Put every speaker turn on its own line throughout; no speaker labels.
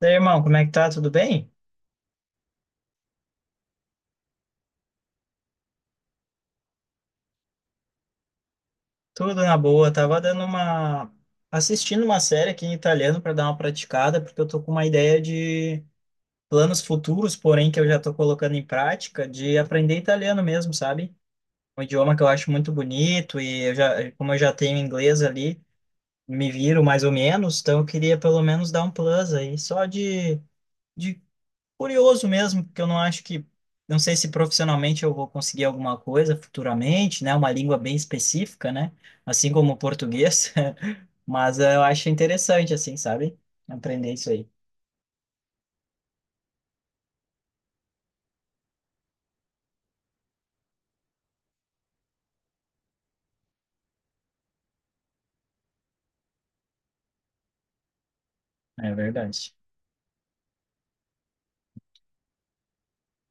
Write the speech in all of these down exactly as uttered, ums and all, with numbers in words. E aí, irmão, como é que tá? Tudo bem? Tudo na boa. Tava dando uma assistindo uma série aqui em italiano para dar uma praticada, porque eu tô com uma ideia de planos futuros, porém que eu já tô colocando em prática, de aprender italiano mesmo, sabe? Um idioma que eu acho muito bonito e eu já, como eu já tenho inglês ali, me viro mais ou menos, então eu queria pelo menos dar um plus aí, só de de curioso mesmo, porque eu não acho que, não sei se profissionalmente eu vou conseguir alguma coisa futuramente, né? Uma língua bem específica, né? Assim como o português, mas eh, eu acho interessante, assim, sabe? Aprender isso aí. É verdade.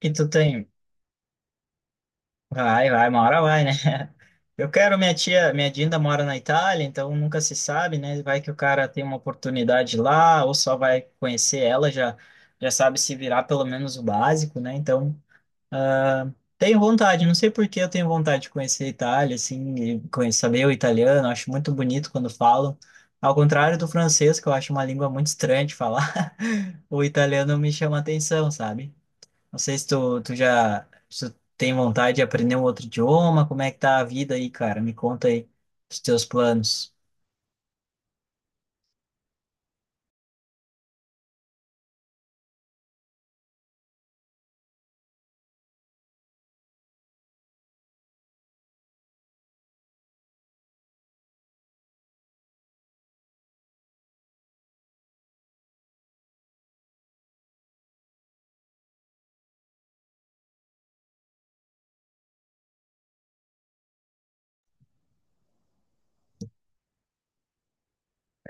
E tu tem, vai, vai, uma hora vai, né? Eu quero, minha tia, minha Dinda mora na Itália, então nunca se sabe, né? Vai que o cara tem uma oportunidade lá, ou só vai conhecer ela, já, já sabe se virar pelo menos o básico, né? Então. Ah, tenho vontade, não sei por que eu tenho vontade de conhecer a Itália, assim, e conhe- saber o italiano, acho muito bonito quando falam. Ao contrário do francês, que eu acho uma língua muito estranha de falar, o italiano me chama a atenção, sabe? Não sei se tu, tu já se tu tem vontade de aprender um outro idioma, como é que tá a vida aí, cara? Me conta aí os teus planos.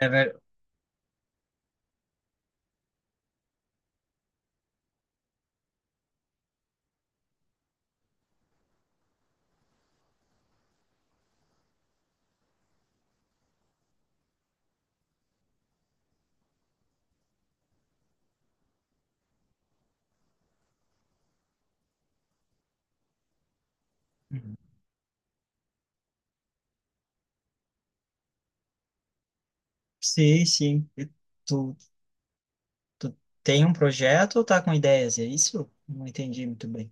É ver... Sim, sim. E tu, tu tem um projeto ou tá com ideias? É isso? Não entendi muito bem.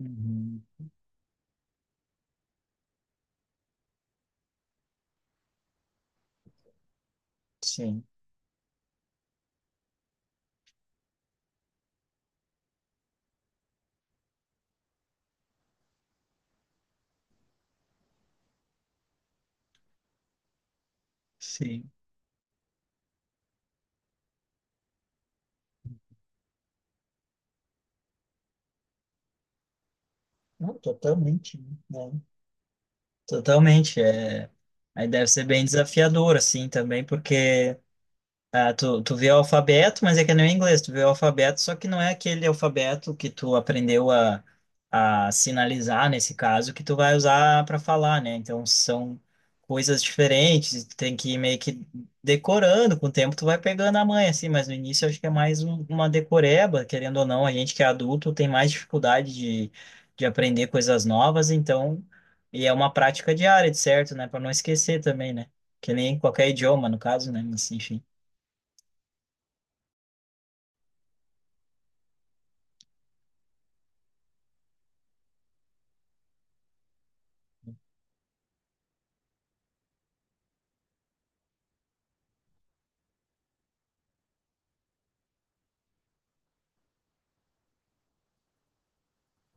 Uhum. Sim. Sim. Não, totalmente, né? Totalmente. É... Aí deve ser bem desafiador, assim, também, porque. Ah, tu, tu vê o alfabeto, mas é que não é inglês. Tu vê o alfabeto, só que não é aquele alfabeto que tu aprendeu a, a sinalizar, nesse caso, que tu vai usar para falar, né? Então são coisas diferentes. Tu tem que ir meio que decorando. Com o tempo tu vai pegando a manha, assim. Mas no início eu acho que é mais um- uma decoreba, querendo ou não. A gente que é adulto tem mais dificuldade de, de aprender coisas novas, então. E é uma prática diária, de certo, né? Para não esquecer também, né? Que nem qualquer idioma, no caso, né? Mas enfim.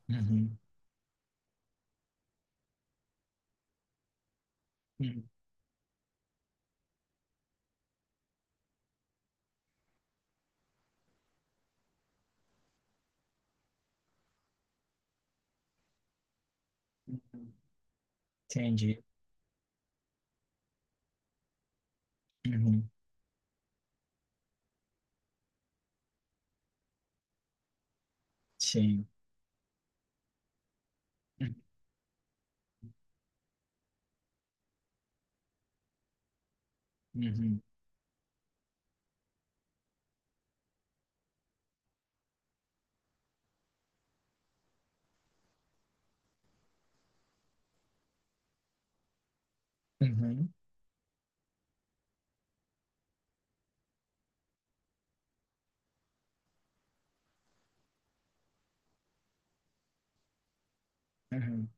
Uhum, uhum, uhum. Entendi. Uhum, sim. Uhum, uhum, uhum, uhum,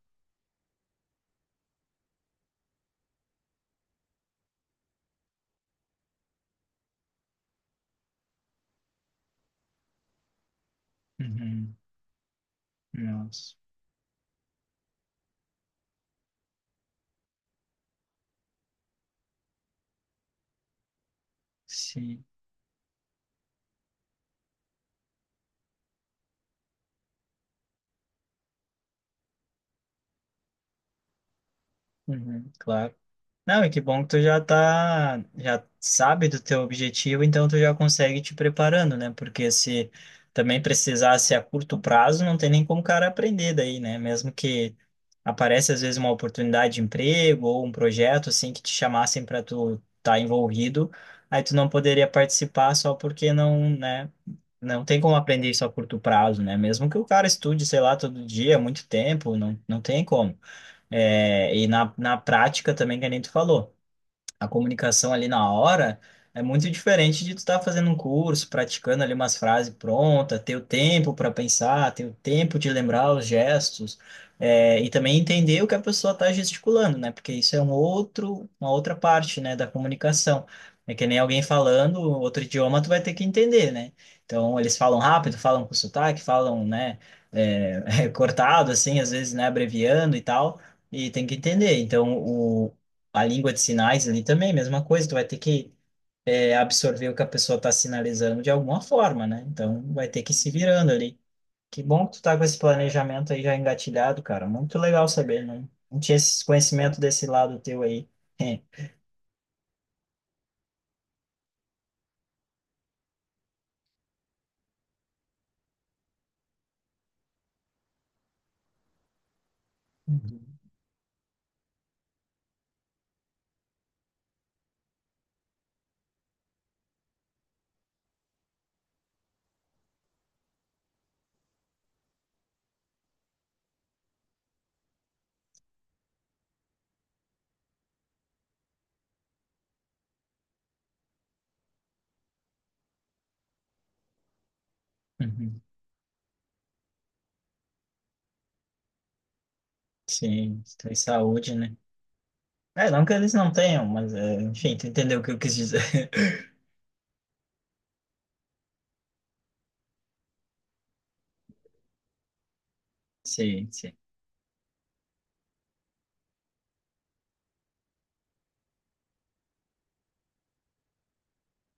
uhum. Nossa, sim. Uhum, claro. Não, e que bom que tu já tá, já sabe do teu objetivo, então tu já consegue te preparando, né? Porque se também precisasse a curto prazo, não tem nem como o cara aprender daí, né? Mesmo que aparece às vezes uma oportunidade de emprego ou um projeto assim que te chamassem para tu estar envolvido, aí tu não poderia participar só porque não, né? Não tem como aprender isso a curto prazo, né? Mesmo que o cara estude, sei lá, todo dia, muito tempo, não, não tem como. É, e na, na prática também, que nem tu falou a comunicação ali na hora é muito diferente de tu estar fazendo um curso, praticando ali umas frases prontas, ter o tempo para pensar, ter o tempo de lembrar os gestos, é, e também entender o que a pessoa está gesticulando, né? Porque isso é um outro, uma outra parte, né, da comunicação. É que nem alguém falando outro idioma, tu vai ter que entender, né? Então, eles falam rápido, falam com sotaque, falam, né, é, cortado, assim, às vezes, né, abreviando e tal e tem que entender. Então, o a língua de sinais ali também, mesma coisa, tu vai ter que é, absorver o que a pessoa está sinalizando de alguma forma, né? Então vai ter que ir se virando ali. Que bom que tu tá com esse planejamento aí já engatilhado, cara. Muito legal saber, não, não tinha esse conhecimento desse lado teu aí. É. Uhum. Uhum. Sim, tem saúde, né? É, não que eles não tenham, mas é, enfim, tu entendeu o que eu quis dizer. Sim, sim.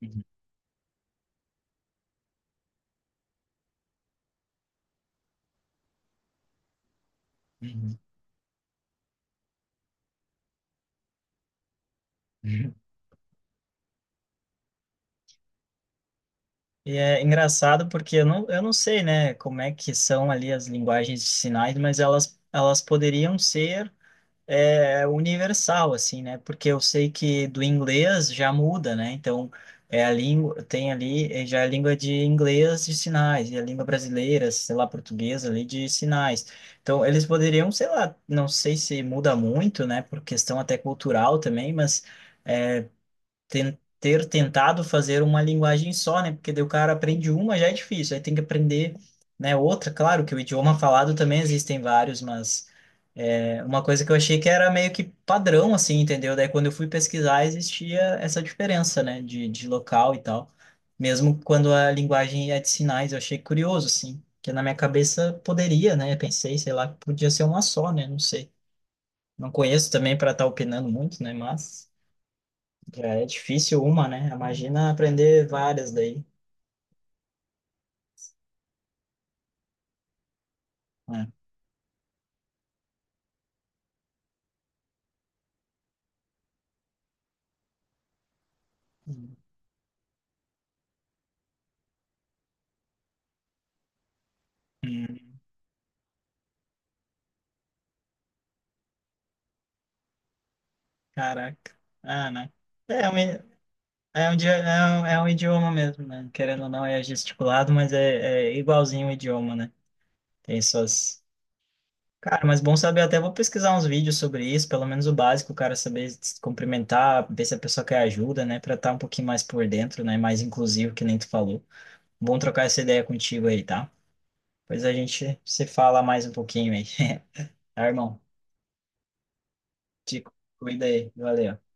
Uhum. Uhum. E é engraçado porque eu não, eu não sei, né, como é que são ali as linguagens de sinais, mas elas, elas poderiam ser é, universal, assim, né? Porque eu sei que do inglês já muda, né? Então, é a língua, tem ali eh, já é a língua de inglês de sinais, e a língua brasileira, sei lá, portuguesa ali de sinais. Então, eles poderiam, sei lá, não sei se muda muito, né, por questão até cultural também, mas ten- ter tentado fazer uma linguagem só, né? Porque daí o cara aprende uma, já é difícil, aí tem que aprender, né, outra. Claro que o idioma falado também existem vários, mas é uma coisa que eu achei que era meio que padrão, assim, entendeu? Daí quando eu fui pesquisar, existia essa diferença, né, de, de local e tal. Mesmo quando a linguagem é de sinais, eu achei curioso, assim. Que na minha cabeça poderia, né? Pensei, sei lá, que podia ser uma só, né? Não sei. Não conheço também para estar opinando muito, né? Mas. Já é difícil uma, né? Imagina aprender várias daí. Né? Hum. Caraca. Ah, né? É é um, i- é um, idi- é um, é um idioma mesmo, né? Querendo ou não, é gesticulado, mas é, é igualzinho o idioma, né? Tem suas. Cara, mas bom saber, até vou pesquisar uns vídeos sobre isso, pelo menos o básico, o cara saber se cumprimentar, ver se a pessoa quer ajuda, né? Pra estar um pouquinho mais por dentro, né? Mais inclusivo, que nem tu falou. Bom trocar essa ideia contigo aí, tá? Pois a gente se fala mais um pouquinho aí. Tá, irmão? Te cuida aí. Valeu.